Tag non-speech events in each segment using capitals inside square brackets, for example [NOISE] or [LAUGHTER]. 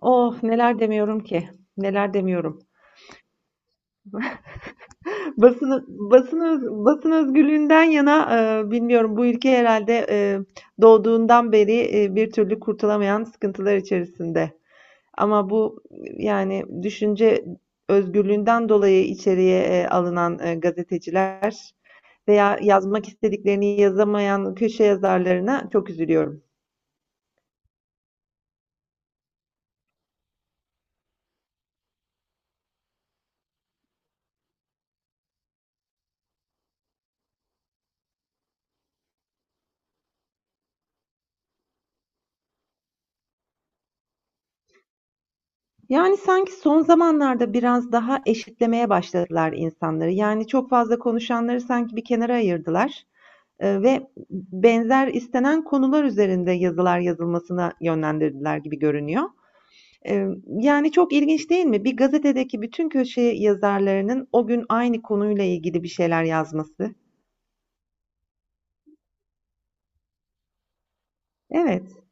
Oh neler demiyorum ki. Neler demiyorum. [LAUGHS] Basın, basın özgürlüğünden yana bilmiyorum bu ülke herhalde doğduğundan beri bir türlü kurtulamayan sıkıntılar içerisinde. Ama bu yani düşünce özgürlüğünden dolayı içeriye alınan gazeteciler veya yazmak istediklerini yazamayan köşe yazarlarına çok üzülüyorum. Yani sanki son zamanlarda biraz daha eşitlemeye başladılar insanları. Yani çok fazla konuşanları sanki bir kenara ayırdılar ve benzer istenen konular üzerinde yazılar yazılmasına yönlendirdiler gibi görünüyor. Yani çok ilginç değil mi? Bir gazetedeki bütün köşe yazarlarının o gün aynı konuyla ilgili bir şeyler yazması. Evet.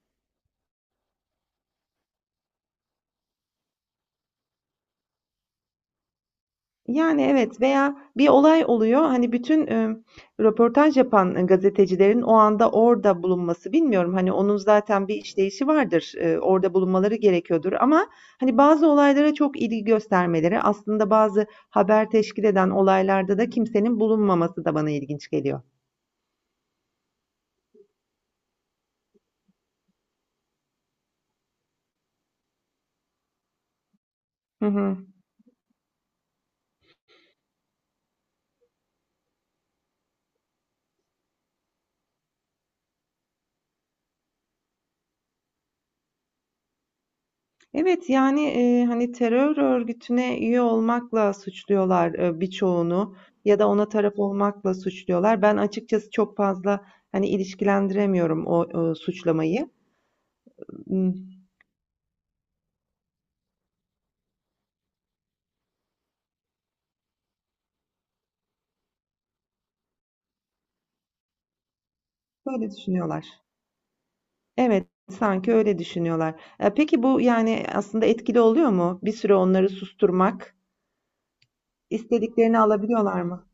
Yani, evet veya bir olay oluyor, hani, röportaj yapan gazetecilerin o anda orada bulunması, bilmiyorum, hani, onun zaten bir işleyişi vardır, orada bulunmaları gerekiyordur ama, hani, bazı olaylara çok ilgi göstermeleri, aslında bazı haber teşkil eden olaylarda da kimsenin bulunmaması da bana ilginç geliyor. Hı hı. Evet, yani, hani, terör örgütüne üye olmakla suçluyorlar, birçoğunu ya da ona taraf olmakla suçluyorlar. Ben açıkçası çok fazla, hani, ilişkilendiremiyorum o, suçlamayı. Imm, böyle düşünüyorlar. Evet, sanki öyle düşünüyorlar. Peki bu, yani, aslında etkili oluyor mu? Bir süre onları susturmak, istediklerini alabiliyorlar mı?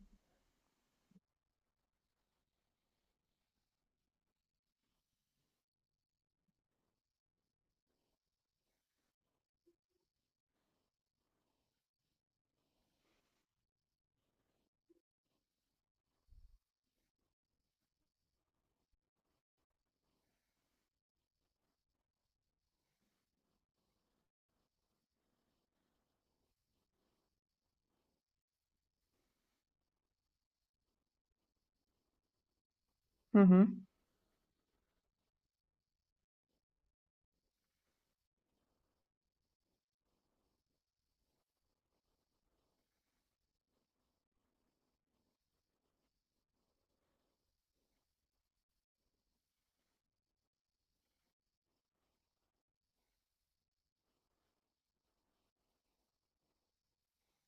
Hı hı.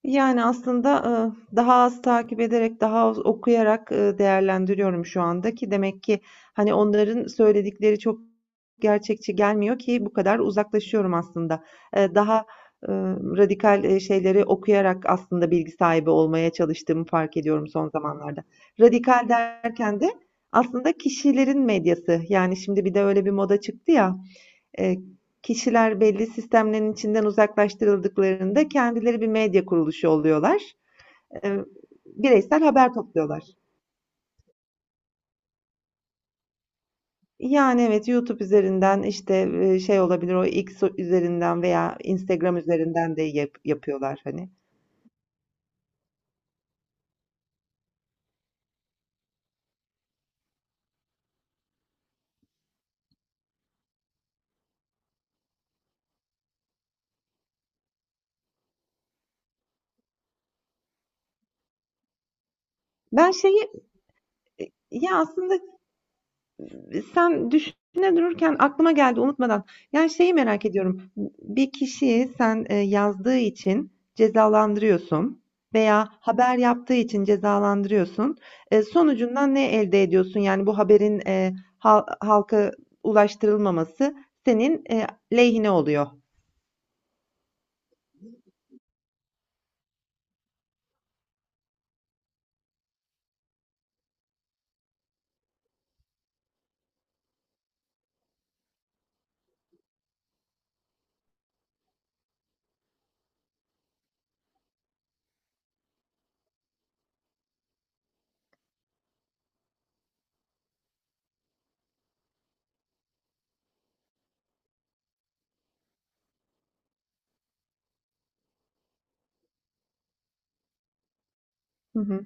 Yani aslında, daha az takip ederek, daha az okuyarak, değerlendiriyorum şu anda ki demek ki, hani, onların söyledikleri çok gerçekçi gelmiyor ki bu kadar uzaklaşıyorum aslında. Eee, daha, radikal, şeyleri okuyarak aslında bilgi sahibi olmaya çalıştığımı fark ediyorum son zamanlarda. Radikal derken de aslında kişilerin medyası, yani, şimdi bir de öyle bir moda çıktı ya, e, kişiler belli sistemlerin içinden uzaklaştırıldıklarında kendileri bir medya kuruluşu oluyorlar. E, bireysel haber topluyorlar. Yani evet YouTube üzerinden işte şey olabilir o X üzerinden veya Instagram üzerinden de yapıyorlar hani. Ben şeyi ya aslında sen düşüne dururken aklıma geldi unutmadan. Yani şeyi merak ediyorum. Bir kişiyi sen yazdığı için cezalandırıyorsun veya haber yaptığı için cezalandırıyorsun. Sonucundan ne elde ediyorsun? Yani bu haberin halka ulaştırılmaması senin lehine oluyor. Hı hı.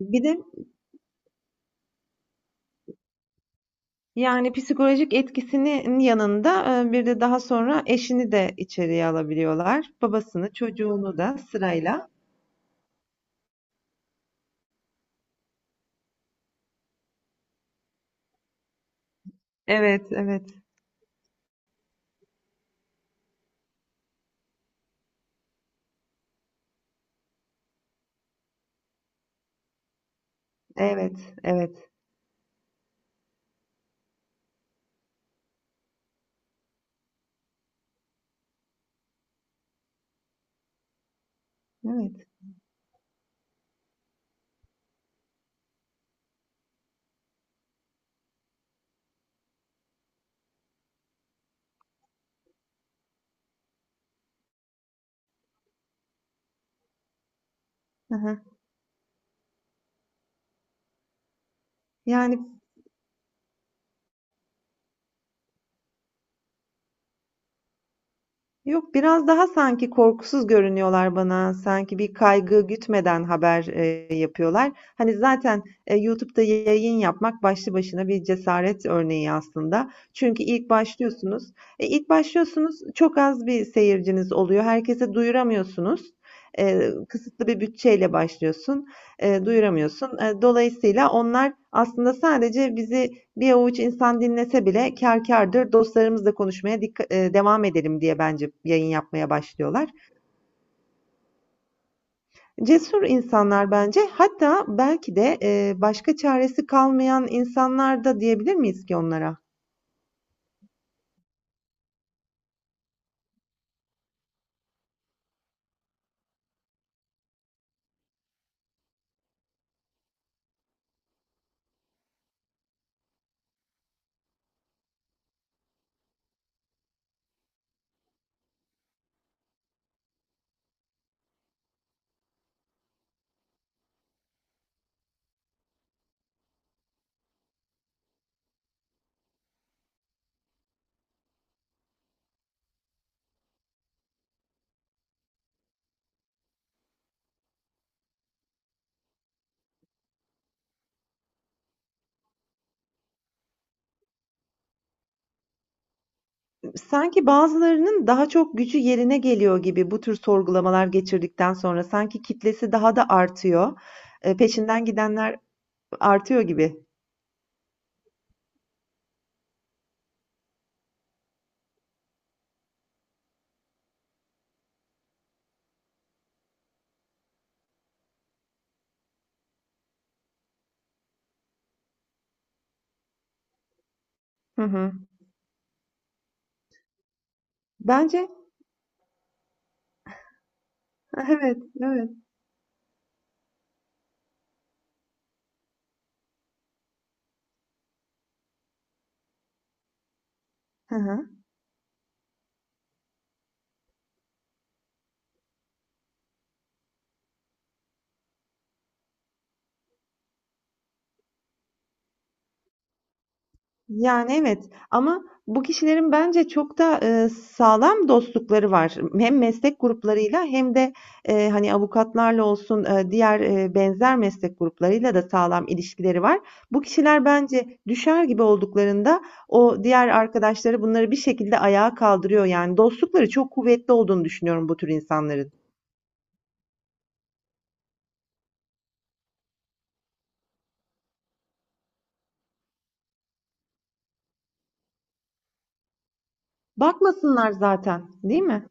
Bir de yani psikolojik etkisinin yanında, bir de daha sonra eşini de içeriye alabiliyorlar. Babasını, çocuğunu da sırayla. Evet, evet, evet, evet, evet. Hı hı. Yani Yok, biraz daha sanki korkusuz görünüyorlar bana. Sanki bir kaygı gütmeden haber yapıyorlar. Hani zaten YouTube'da yayın yapmak başlı başına bir cesaret örneği aslında. Çünkü ilk başlıyorsunuz. İlk başlıyorsunuz çok az bir seyirciniz oluyor. Herkese duyuramıyorsunuz. Kısıtlı bir bütçeyle başlıyorsun. Duyuramıyorsun. Dolayısıyla onlar aslında sadece bizi bir avuç insan dinlese bile kâr kârdır, dostlarımızla konuşmaya devam edelim diye bence yayın yapmaya başlıyorlar. Cesur insanlar bence. Hatta belki de başka çaresi kalmayan insanlar da diyebilir miyiz ki onlara? Sanki bazılarının daha çok gücü yerine geliyor gibi bu tür sorgulamalar geçirdikten sonra sanki kitlesi daha da artıyor. Peşinden gidenler artıyor gibi. Hı hı. Bence evet, evet. Hı hı. Yani, evet ama bu kişilerin bence çok da, sağlam dostlukları var. Hem meslek gruplarıyla hem de, hani, avukatlarla olsun, diğer, benzer meslek gruplarıyla da sağlam ilişkileri var. Bu kişiler bence düşer gibi olduklarında o diğer arkadaşları bunları bir şekilde ayağa kaldırıyor. Yani dostlukları çok kuvvetli olduğunu düşünüyorum bu tür insanların. Bakmasınlar zaten, değil mi?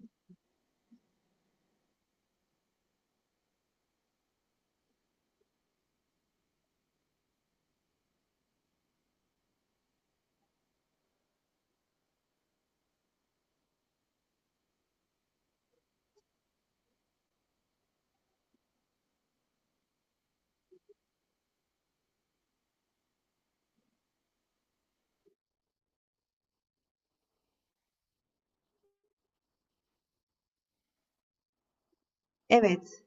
Evet.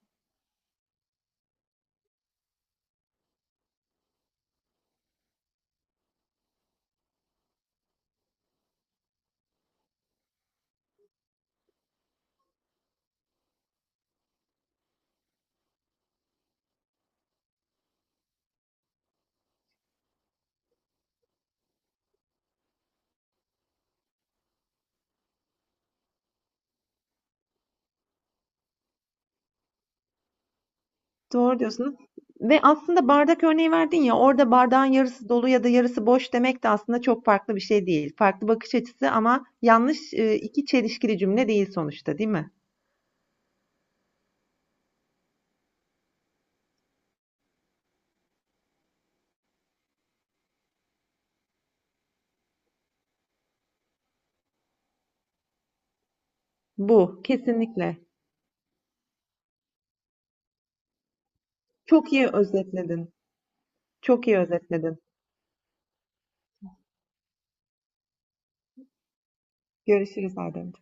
Doğru diyorsun ve aslında bardak örneği verdin ya, orada bardağın yarısı dolu ya da yarısı boş demek de aslında çok farklı bir şey değil. Farklı bakış açısı ama yanlış, 2 çelişkili cümle değil sonuçta, değil mi? Bu kesinlikle. Çok iyi özetledin. Çok iyi özetledin. Görüşürüz Adem.